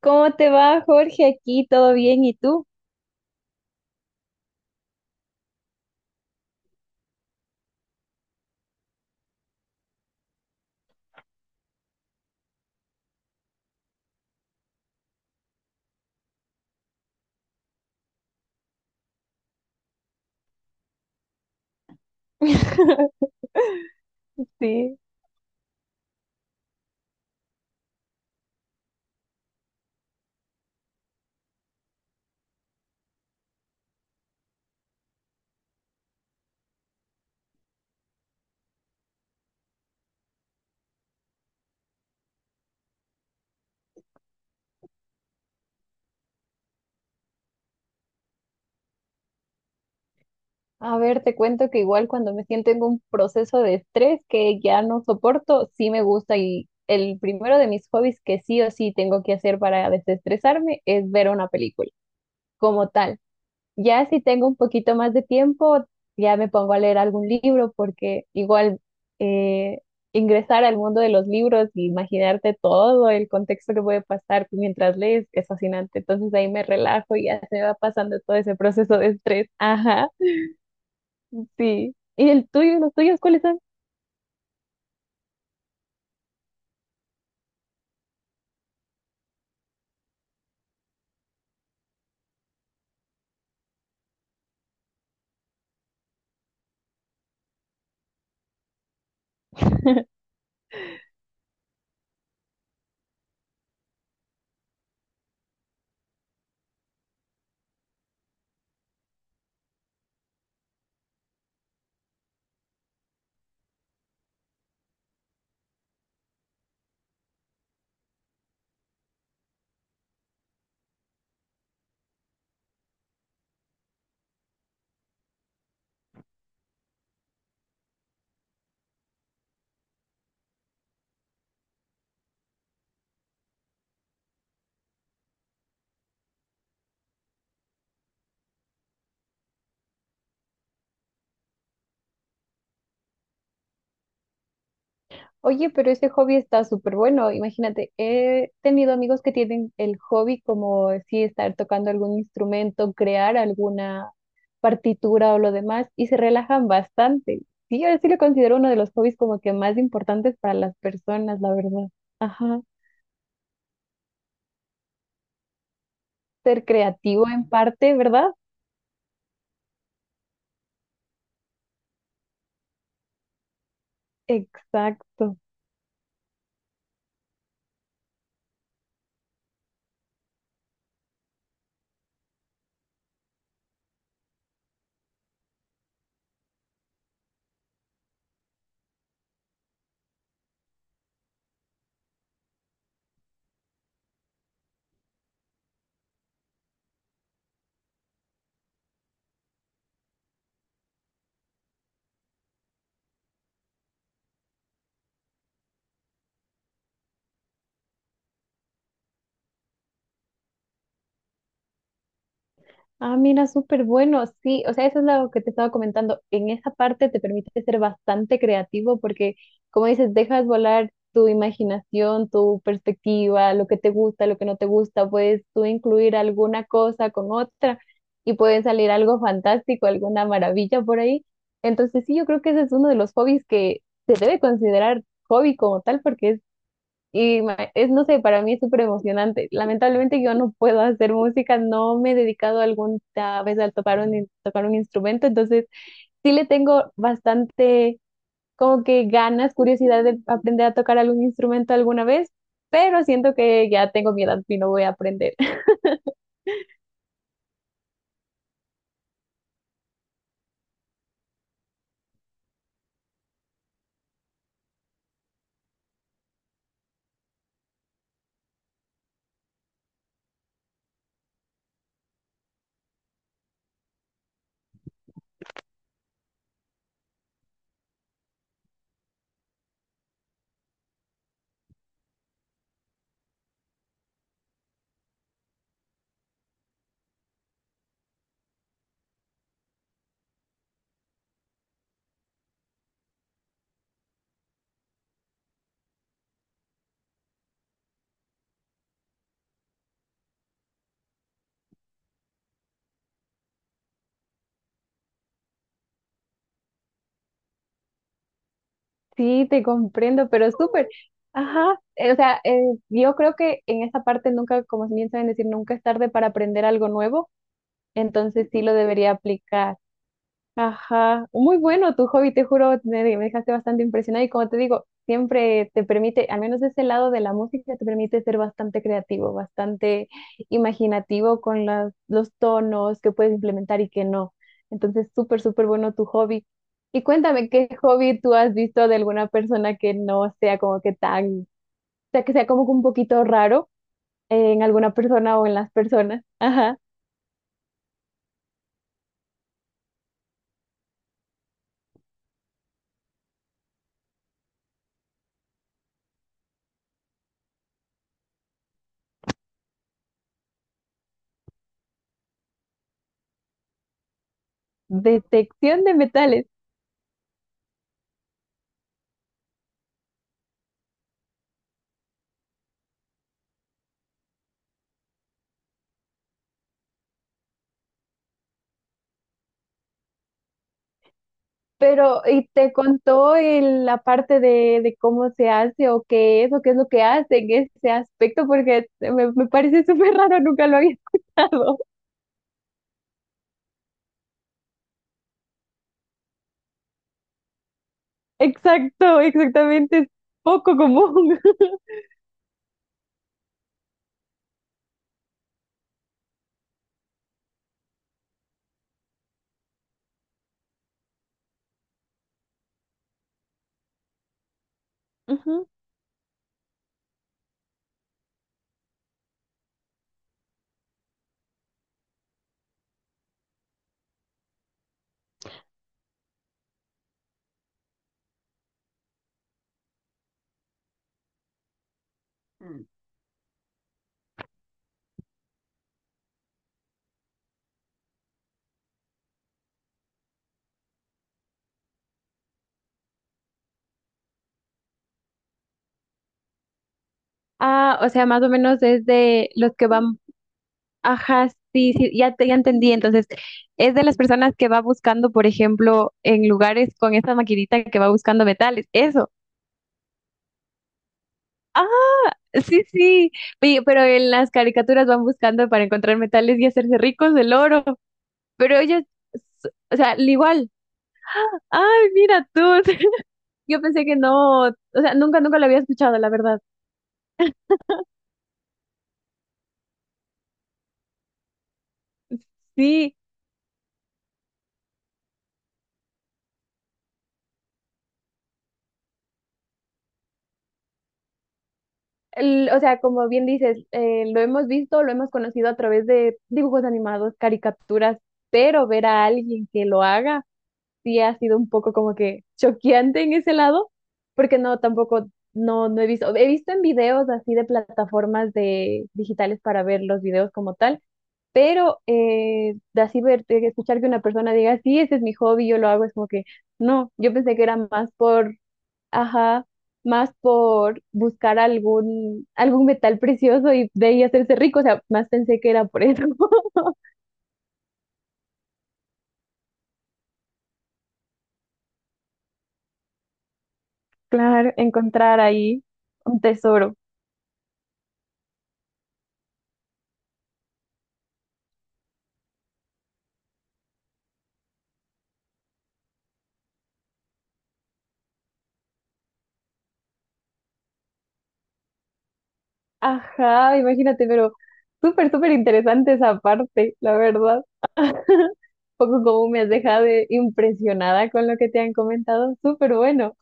¿Cómo te va, Jorge? Aquí todo bien, ¿y tú? Sí. A ver, te cuento que igual cuando me siento en un proceso de estrés que ya no soporto, sí me gusta y el primero de mis hobbies que sí o sí tengo que hacer para desestresarme es ver una película como tal. Ya si tengo un poquito más de tiempo, ya me pongo a leer algún libro porque igual eh, ingresar al mundo de los libros e imaginarte todo el contexto que puede pasar mientras lees es fascinante. Entonces ahí me relajo y ya se me va pasando todo ese proceso de estrés. Ajá. Sí. ¿Y el tuyo? ¿Y los tuyos cuáles son? Oye, pero ese hobby está súper bueno. Imagínate, he tenido amigos que tienen el hobby como sí estar tocando algún instrumento, crear alguna partitura o lo demás y se relajan bastante. Sí, yo sí lo considero uno de los hobbies como que más importantes para las personas, la verdad. Ajá, ser creativo en parte, ¿verdad? Exacto. Ah, mira, súper bueno, sí, o sea, eso es lo que te estaba comentando. En esa parte te permite ser bastante creativo porque, como dices, dejas volar tu imaginación, tu perspectiva, lo que te gusta, lo que no te gusta, puedes tú incluir alguna cosa con otra y puede salir algo fantástico, alguna maravilla por ahí. Entonces, sí, yo creo que ese es uno de los hobbies que se debe considerar hobby como tal porque y ma- es, no sé, para mí es súper emocionante. Lamentablemente yo no puedo hacer música, no me he dedicado alguna vez a tocar un, in- tocar un instrumento, entonces sí le tengo bastante como que ganas, curiosidad de aprender a tocar algún instrumento alguna vez, pero siento que ya tengo mi edad y no voy a aprender. Sí, te comprendo, pero súper. Ajá, o sea, yo creo que en esta parte nunca, como bien saben decir, nunca es tarde para aprender algo nuevo, entonces sí lo debería aplicar. Ajá, muy bueno tu hobby, te juro, me dejaste bastante impresionada y como te digo, siempre te permite, al menos de ese lado de la música, te permite ser bastante creativo, bastante imaginativo con las, los tonos que puedes implementar y que no. Entonces, súper, súper bueno tu hobby. Y cuéntame, ¿qué hobby tú has visto de alguna persona que no sea como que tan, o sea, que sea como que un poquito raro en alguna persona o en las personas? Ajá, detección de metales. Pero ¿y te contó el- la parte de cómo se hace o qué es lo que hace en ese aspecto? Porque me parece súper raro, nunca lo había escuchado. Exacto, exactamente, es poco común. Ujú. Ah, o sea, más o menos es de los que van, ajá, sí, sí, ya entendí. Entonces, es de las personas que va buscando, por ejemplo, en lugares con esta maquinita que va buscando metales. Eso. Sí, sí, pe- pero en las caricaturas van buscando para encontrar metales y hacerse ricos del oro, pero ellos, s- o sea, al igual. Ay, mira tú, yo pensé que no, o sea, nunca, nunca lo había escuchado, la verdad. Sí, el- o sea, como bien dices, lo hemos visto, lo hemos conocido a través de dibujos animados, caricaturas, pero ver a alguien que lo haga, sí ha sido un poco como que choqueante en ese lado, porque no, tampoco, no, no he visto, he visto en videos así de plataformas de digitales para ver los videos como tal, pero de así ver, de escuchar que una persona diga, sí, ese es mi hobby, yo lo hago, es como que, no, yo pensé que era más por, ajá, más por buscar algún, algún metal precioso y de ahí hacerse rico, o sea, más pensé que era por eso, claro, encontrar ahí un tesoro. Ajá, imagínate, pero súper, súper interesante esa parte, la verdad. Poco como me has dejado de- impresionada con lo que te han comentado, súper bueno.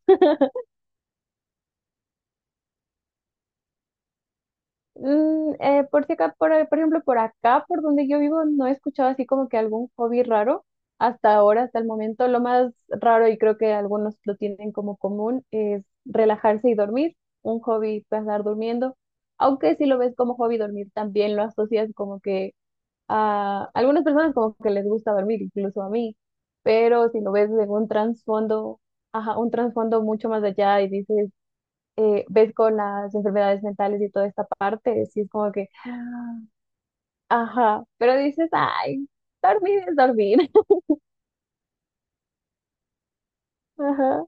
Mm, por si acá, por ejemplo, por acá, por donde yo vivo, no he escuchado así como que algún hobby raro hasta ahora, hasta el momento. Lo más raro, y creo que algunos lo tienen como común, es relajarse y dormir, un hobby pasar durmiendo. Aunque si lo ves como hobby dormir, también lo asocias como que a algunas personas como que les gusta dormir, incluso a mí, pero si lo ves en un trasfondo, ajá, un trasfondo mucho más allá y dices, ves con las enfermedades mentales y toda esta parte, sí es como que, ah, ajá, pero dices, ay, dormir es dormir, ajá,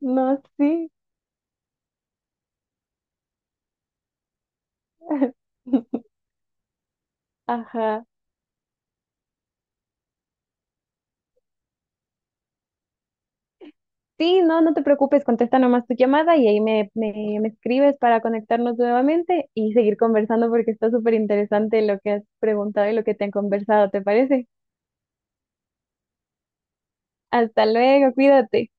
no, sí, ajá. Sí, no, no te preocupes, contesta nomás tu llamada y ahí me escribes para conectarnos nuevamente y seguir conversando porque está súper interesante lo que has preguntado y lo que te han conversado, ¿te parece? Hasta luego, cuídate.